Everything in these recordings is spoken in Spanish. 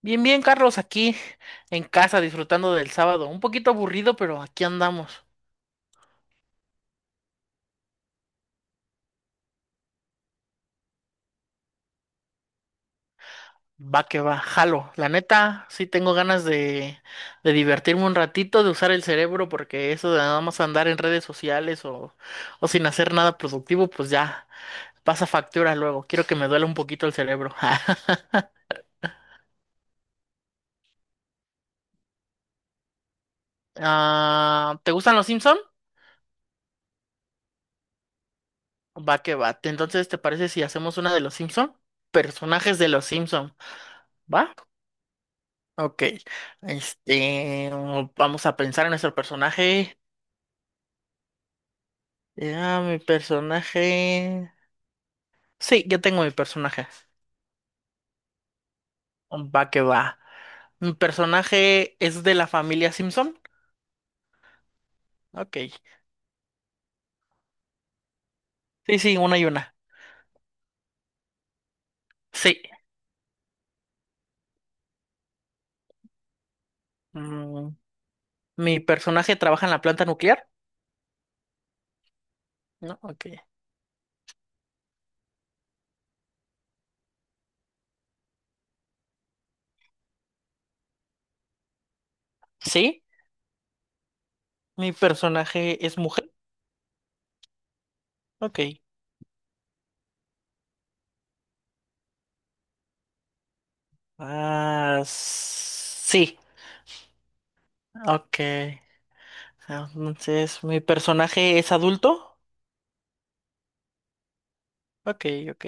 Bien, bien, Carlos, aquí en casa disfrutando del sábado. Un poquito aburrido, pero aquí andamos. Va que va, jalo. La neta, sí tengo ganas de divertirme un ratito, de usar el cerebro, porque eso de nada más andar en redes sociales o sin hacer nada productivo, pues ya pasa factura luego. Quiero que me duela un poquito el cerebro. Ah, ¿te gustan los Simpson? Va que va. Entonces, ¿te parece si hacemos una de los Simpson? Personajes de los Simpson, ¿va? Ok, vamos a pensar en nuestro personaje. Ya, mi personaje. Sí, ya tengo mi personaje. Va que va. Mi personaje es de la familia Simpson. Ok. Sí, sí, una y una. Sí. Mm, Mi personaje trabaja en la planta nuclear. No, ok. Sí. Mi personaje es mujer. Ok. Ah, sí. Ok. Entonces, mi personaje es adulto. Ok, ok.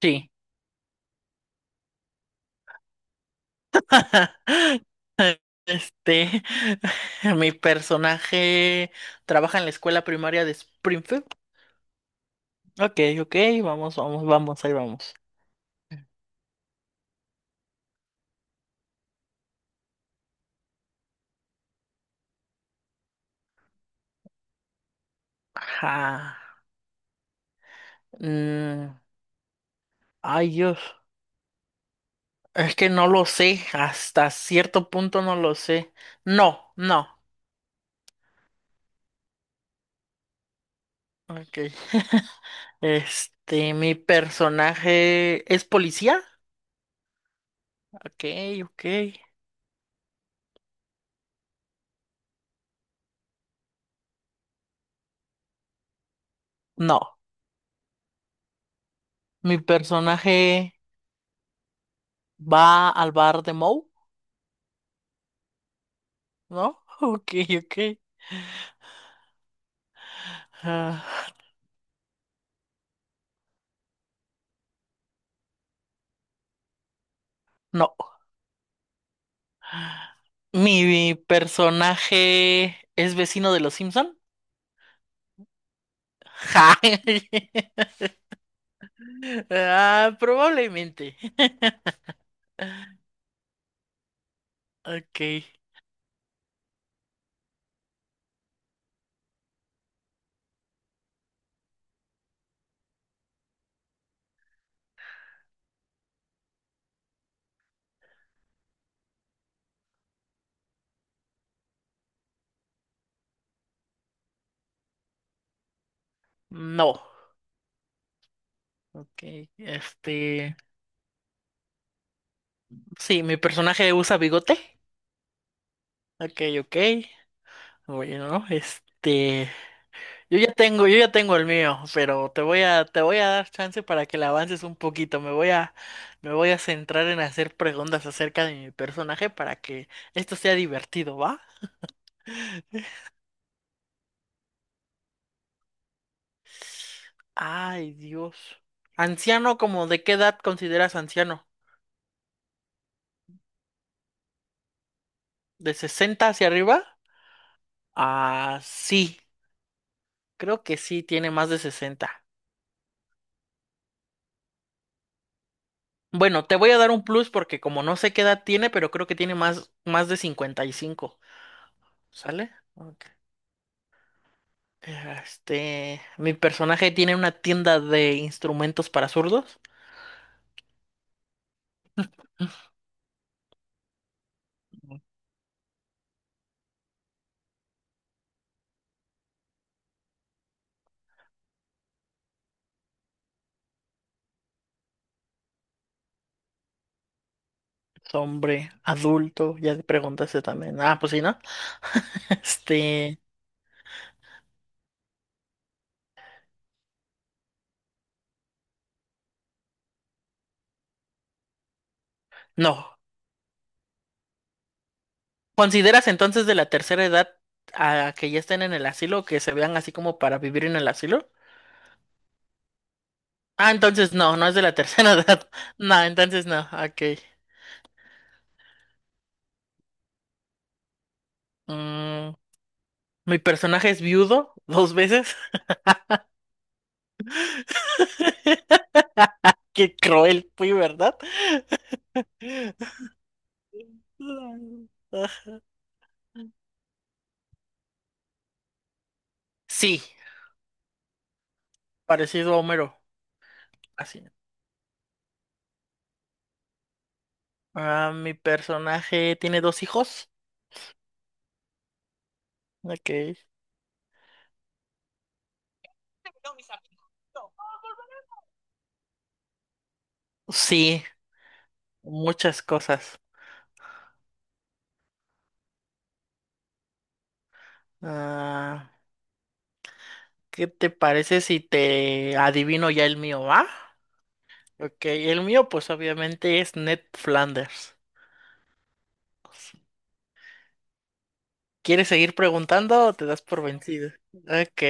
Sí. Este, mi personaje trabaja en la escuela primaria de Springfield. Ok, ok, vamos, vamos, vamos, ahí vamos. Ajá. Mm, ay, Dios. Es que no lo sé. Hasta cierto punto no lo sé. No, no. Ok. Mi personaje es policía. Ok, ok. No. Mi personaje va al bar de Moe, ¿no? Ok, ok. Ah, no. ¿Mi personaje es vecino de los Simpson? Ja. Ah, probablemente. Ok. No. Ok. Este. Sí, mi personaje usa bigote. Ok, ok. Bueno, este. Yo ya tengo el mío, pero te voy a dar chance para que le avances un poquito. Me voy a centrar en hacer preguntas acerca de mi personaje para que esto sea divertido, ¿va? Ay, Dios. Anciano, ¿como de qué edad consideras anciano? ¿De sesenta hacia arriba? Ah, sí. Creo que sí, tiene más de 60. Bueno, te voy a dar un plus porque como no sé qué edad tiene, pero creo que tiene más de cincuenta y cinco. ¿Sale? Ok. Mi personaje tiene una tienda de instrumentos para zurdos. Es hombre, adulto, ya te preguntaste también. Ah, pues sí, ¿no? Este, no. ¿Consideras entonces de la tercera edad a que ya estén en el asilo o que se vean así como para vivir en el asilo? Ah, entonces no, no es de la tercera edad. No, entonces no, ok. Mm, mi personaje es viudo dos veces. Qué cruel fui, ¿verdad? Sí, parecido a Homero, así. Ah, mi personaje tiene dos hijos. Ok. Sí, muchas cosas. Ah, ¿qué te parece si te adivino ya el mío, va? Ok, el mío pues obviamente es Ned Flanders. ¿Quieres seguir preguntando o te das por vencido? Ok,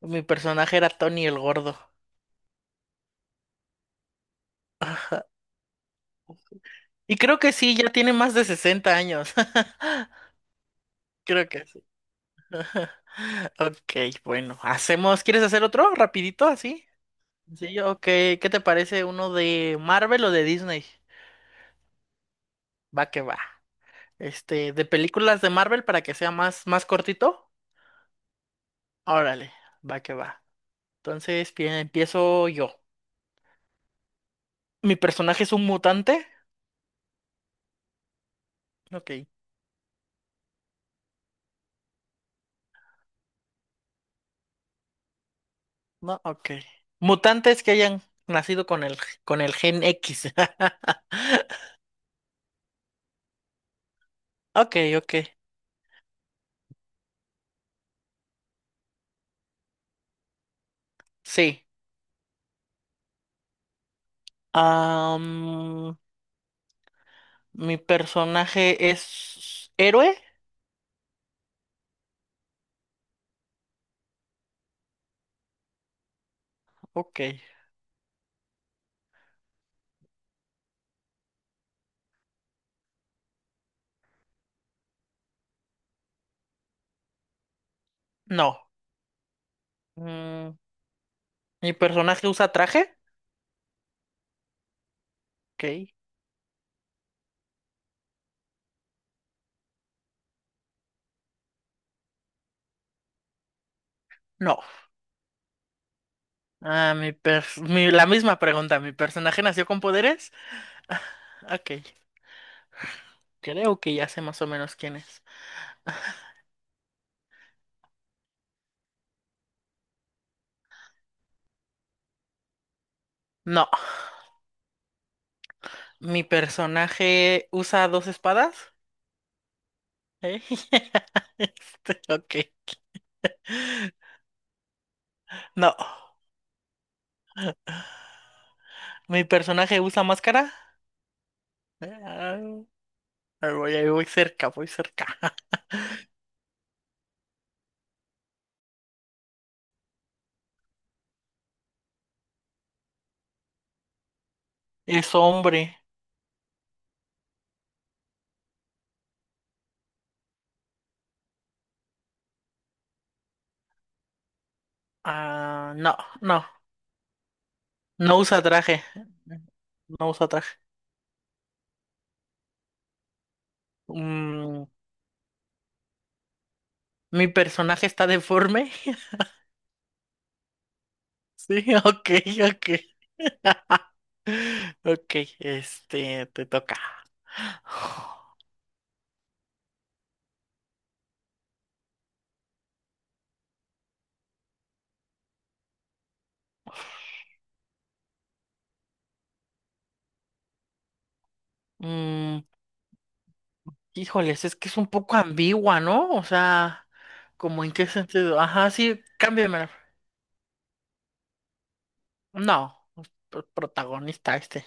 mi personaje era Tony el Gordo. Y creo que sí, ya tiene más de 60 años. Creo que sí. Ok, bueno, hacemos. ¿Quieres hacer otro rapidito así? Sí, ok. ¿Qué te parece uno de Marvel o de Disney? Va que va. Este, de películas de Marvel para que sea más cortito. Órale, va que va. Entonces, bien, empiezo yo. ¿Mi personaje es un mutante? Ok. No, ok. Mutantes que hayan nacido con el gen X. Ok, ok. Sí. Am, ¿mi personaje es héroe? Ok. No. Mm, ¿Mi personaje usa traje? Ok. No. Ah, la misma pregunta. ¿Mi personaje nació con poderes? Ok. Creo que ya sé más o menos quién es. No, mi personaje usa dos espadas. ¿Eh? Este, ok. No, mi personaje usa máscara. Ah, ahí voy cerca, voy cerca. Es hombre. Ah, no usa traje. No usa traje. Mm, mi personaje está deforme. Sí, ok, ok. Ok, este, te toca. Mm, híjoles, es que es un poco ambigua, ¿no? O sea, como en qué sentido. Ajá, sí, cámbiame. No, protagonista este.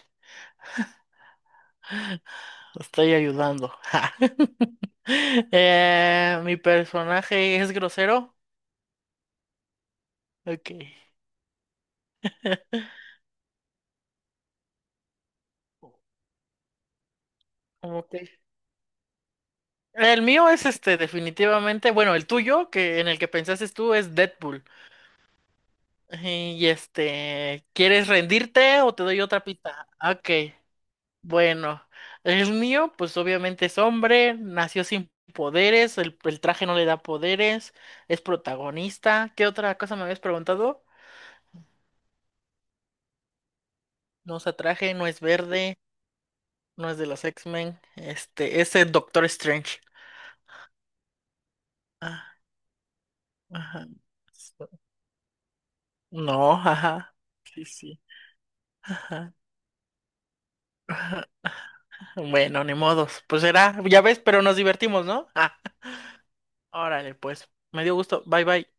Lo estoy ayudando. Mi personaje es grosero. Ok. Ok. El mío es este, definitivamente. Bueno, el tuyo, que en el que pensaste tú, es Deadpool. Y este, ¿quieres rendirte o te doy otra pista? Ok. Bueno, el mío, pues obviamente es hombre, nació sin poderes, el traje no le da poderes, es protagonista. ¿Qué otra cosa me habías preguntado? No usa traje, no es verde, no es de los X-Men, este, es el Doctor Strange. Ah, ajá. So- No, ajá. Sí, sí. Ajá, ajá. Bueno, ni modos. Pues será, ya ves, pero nos divertimos, ¿no? Ah, órale, pues. Me dio gusto. Bye, bye.